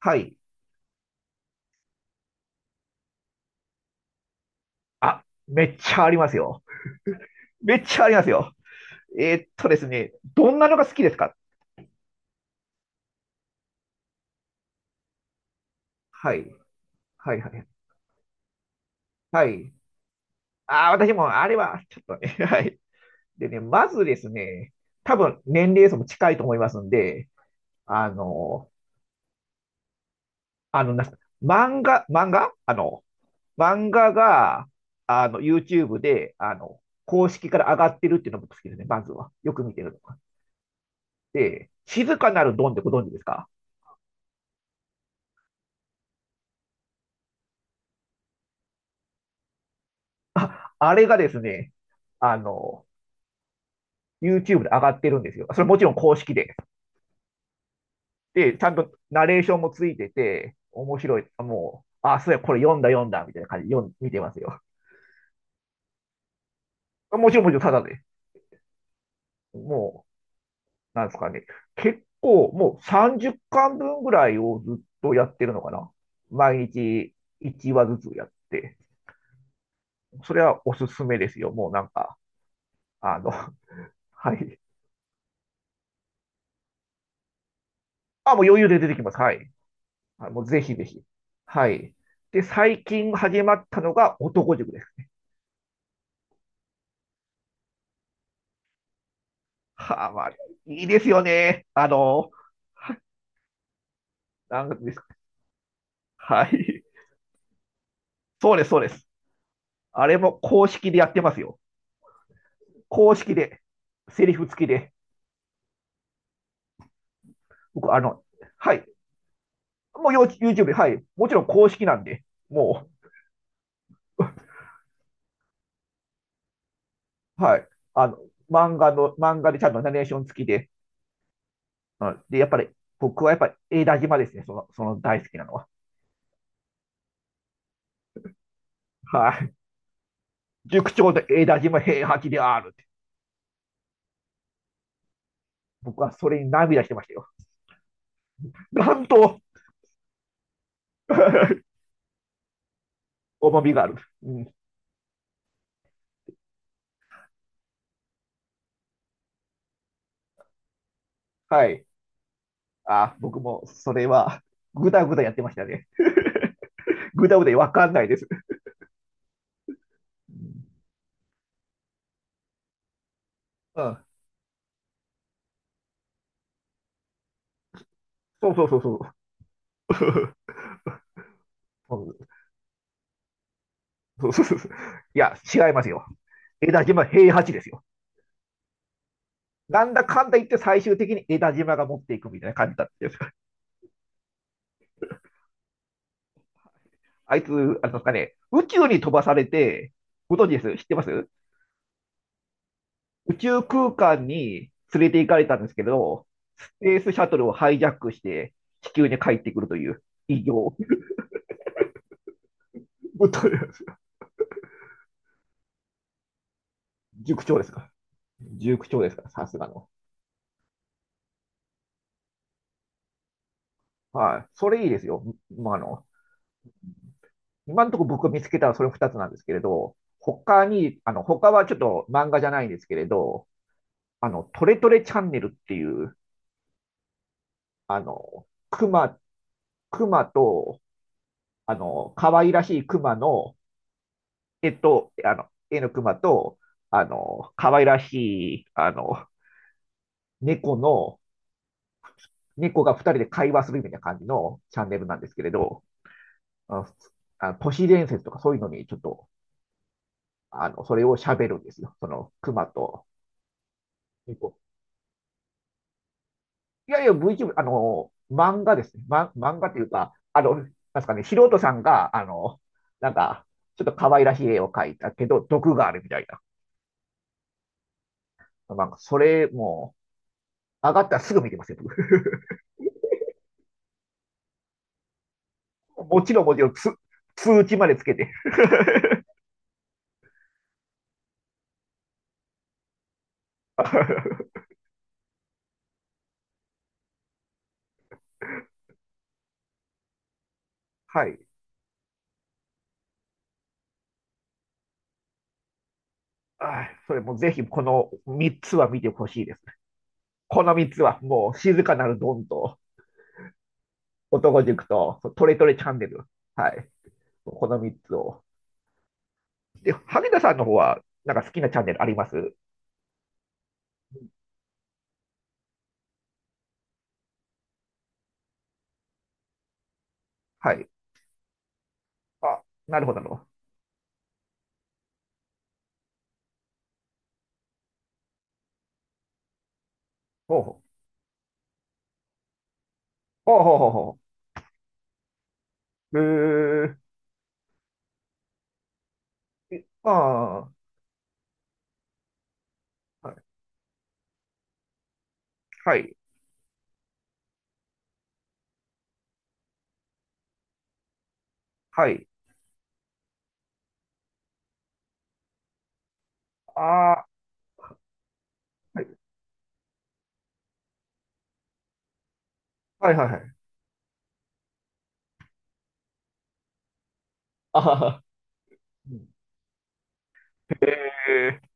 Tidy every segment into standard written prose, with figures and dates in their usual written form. はい。あ、めっちゃありますよ。めっちゃありますよ。ですね、どんなのが好きですか？はい。はい、はい。はい。ああ、私もあれは、ちょっとね、はい。でね、まずですね、多分年齢層も近いと思いますんで、あの、あの、なんすか漫画、漫画あの、漫画が、YouTube で、公式から上がってるっていうのも好きですね、まずは。よく見てるのが。で、静かなるドンってご存知ですか？あ、あれがですね、あの、YouTube で上がってるんですよ。それもちろん公式で。で、ちゃんとナレーションもついてて、面白い。もう、あ、そうや、これ読んだ読んだ、みたいな感じで読ん見てますよ。もちろんもちろんただで、もう、なんですかね。結構、もう30巻分ぐらいをずっとやってるのかな。毎日1話ずつやって。それはおすすめですよ。もうなんか、あの、はい。あ、もう余裕で出てきます。はい。はい、もうぜひぜひ。はい。で、最近始まったのが男塾です。はあ、まあ、いいですよね。なんですか。はい。そうです、そうです。あれも公式でやってますよ。公式で、セリフ付きで。僕、あの、はい。もう YouTube で、はい。もちろん公式なんで、もう、はい。あの、漫画でちゃんとナレーション付きで。うん、で、やっぱり、僕はやっぱり、江田島ですね。その大好きなのは。はい。塾長と江田島平八である。僕はそれに涙してましたよ。なんと 重みがある。うん、はい。あ、僕もそれは、ぐだぐだやってましたね。ぐだぐだわかんないです。うん。そうそうそうそう。そうそうそうそう。いや、違いますよ。枝島平八ですよ。なんだかんだ言って最終的に枝島が持っていくみたいな感じだったんです。あいつ、あれですかね、宇宙に飛ばされて、ご存知です？知ってます？宇宙空間に連れて行かれたんですけど、スペースシャトルをハイジャックして地球に帰ってくるという異常。塾長ですか？塾長ですか、さすがの。はい。それいいですよ。まあ、今のところ僕が見つけたのはそれ2つなんですけれど、他に、他はちょっと漫画じゃないんですけれど、トレトレチャンネルっていう、あの、熊、熊と、可愛らしい熊の絵の熊と、あの、可愛らしい、あの、猫の、猫が二人で会話するみたいな感じのチャンネルなんですけれど、あの、あの都市伝説とかそういうのにちょっと、それを喋るんですよ。その、熊と猫。いやいや、VTuber、漫画ですね。漫画というか、あの、なんですかね、素人さんが、なんか、ちょっと可愛らしい絵を描いたけど、毒があるみたいな。なんか、それも、上がったらすぐ見てますよ、僕。もちろん、もちろん通知までつけて。はい。ああ、それもぜひ、この3つは見てほしいです。この3つは、もう、静かなるドンと、男塾と、トレトレチャンネル。はい。この3つを。で、羽田さんの方は、なんか好きなチャンネルあります？はい。あ、なるほど、なるほど。ほうほう。ほうほうほうほうほうへえーああ、はい、はい、はい。ああ、はい、はい、はいはい。ああはいはいはいああへー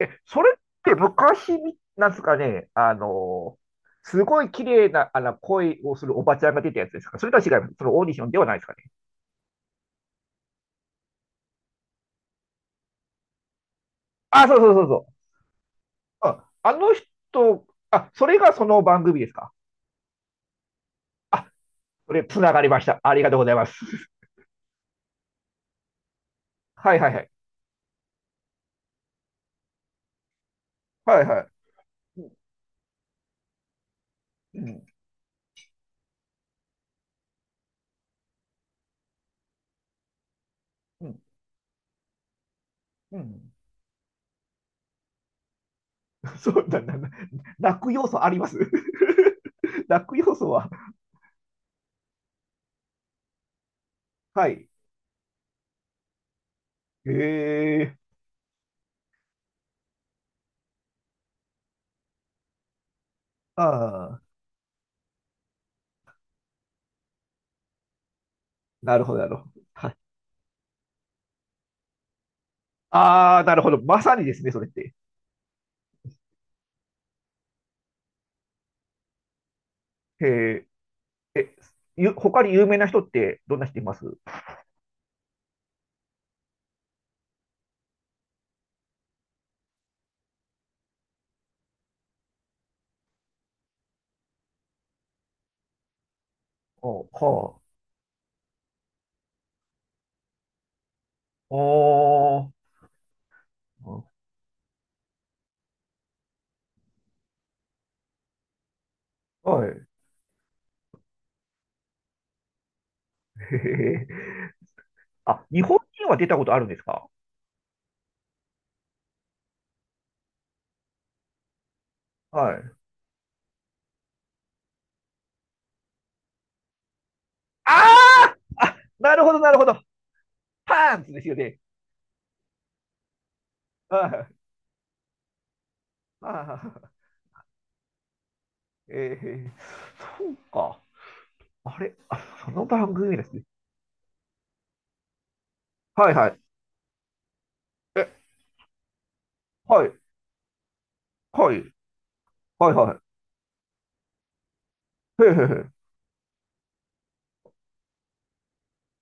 え、それって昔み、なんですかね、すごい綺麗な、声をするおばちゃんが出たやつですか？それとは違います。そのオーディションではないですかね。あ、そうそうそうそう。あ、あの人、あ、それがその番組ですか？あ、それ、つながりました。ありがとうございます。はいはいはい。はいはい。うん、うん、うん。そうだな、泣く要素あります？ 泣く要素は、はい。へえ、ああ、なるほど、なるほど。ああ、なるほど。まさにですね、それって。へえ、え、他に有名な人ってどんな人います？おはあ、あーはい。へえ。あ、日本人は出たことあるんですか？はい。ああ、なるほど、なるほど。パンツですよね。ああ、ああ、ええ、そうか。あれ、その番組ですね。はいはい。え、はい、はい、はい、はい。へえ、へえ、へえ、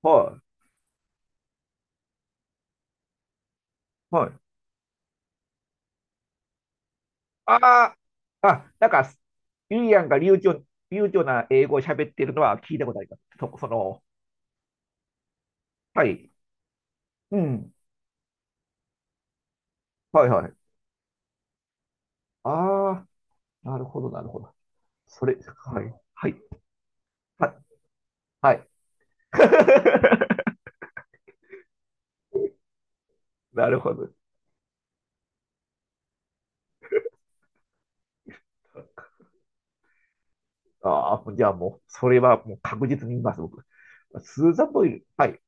はい、はい。ああ、あ、なんか、ゆりやんが流暢な英語を喋ってるのは聞いたことあります。その、はい。うん。はいはい。ああ、なるほど、なるほど。それ、はい。はい。は、はい。なるほど。ああ、じゃあもう、それはもう確実に言います、僕。スーザンボイル。はい。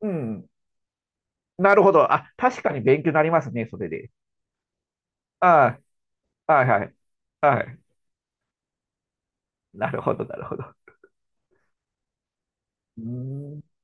うん。なるほど。あ、確かに勉強になりますね、それで。ああ、はいはい。はい。なるほど、なるほど。うーん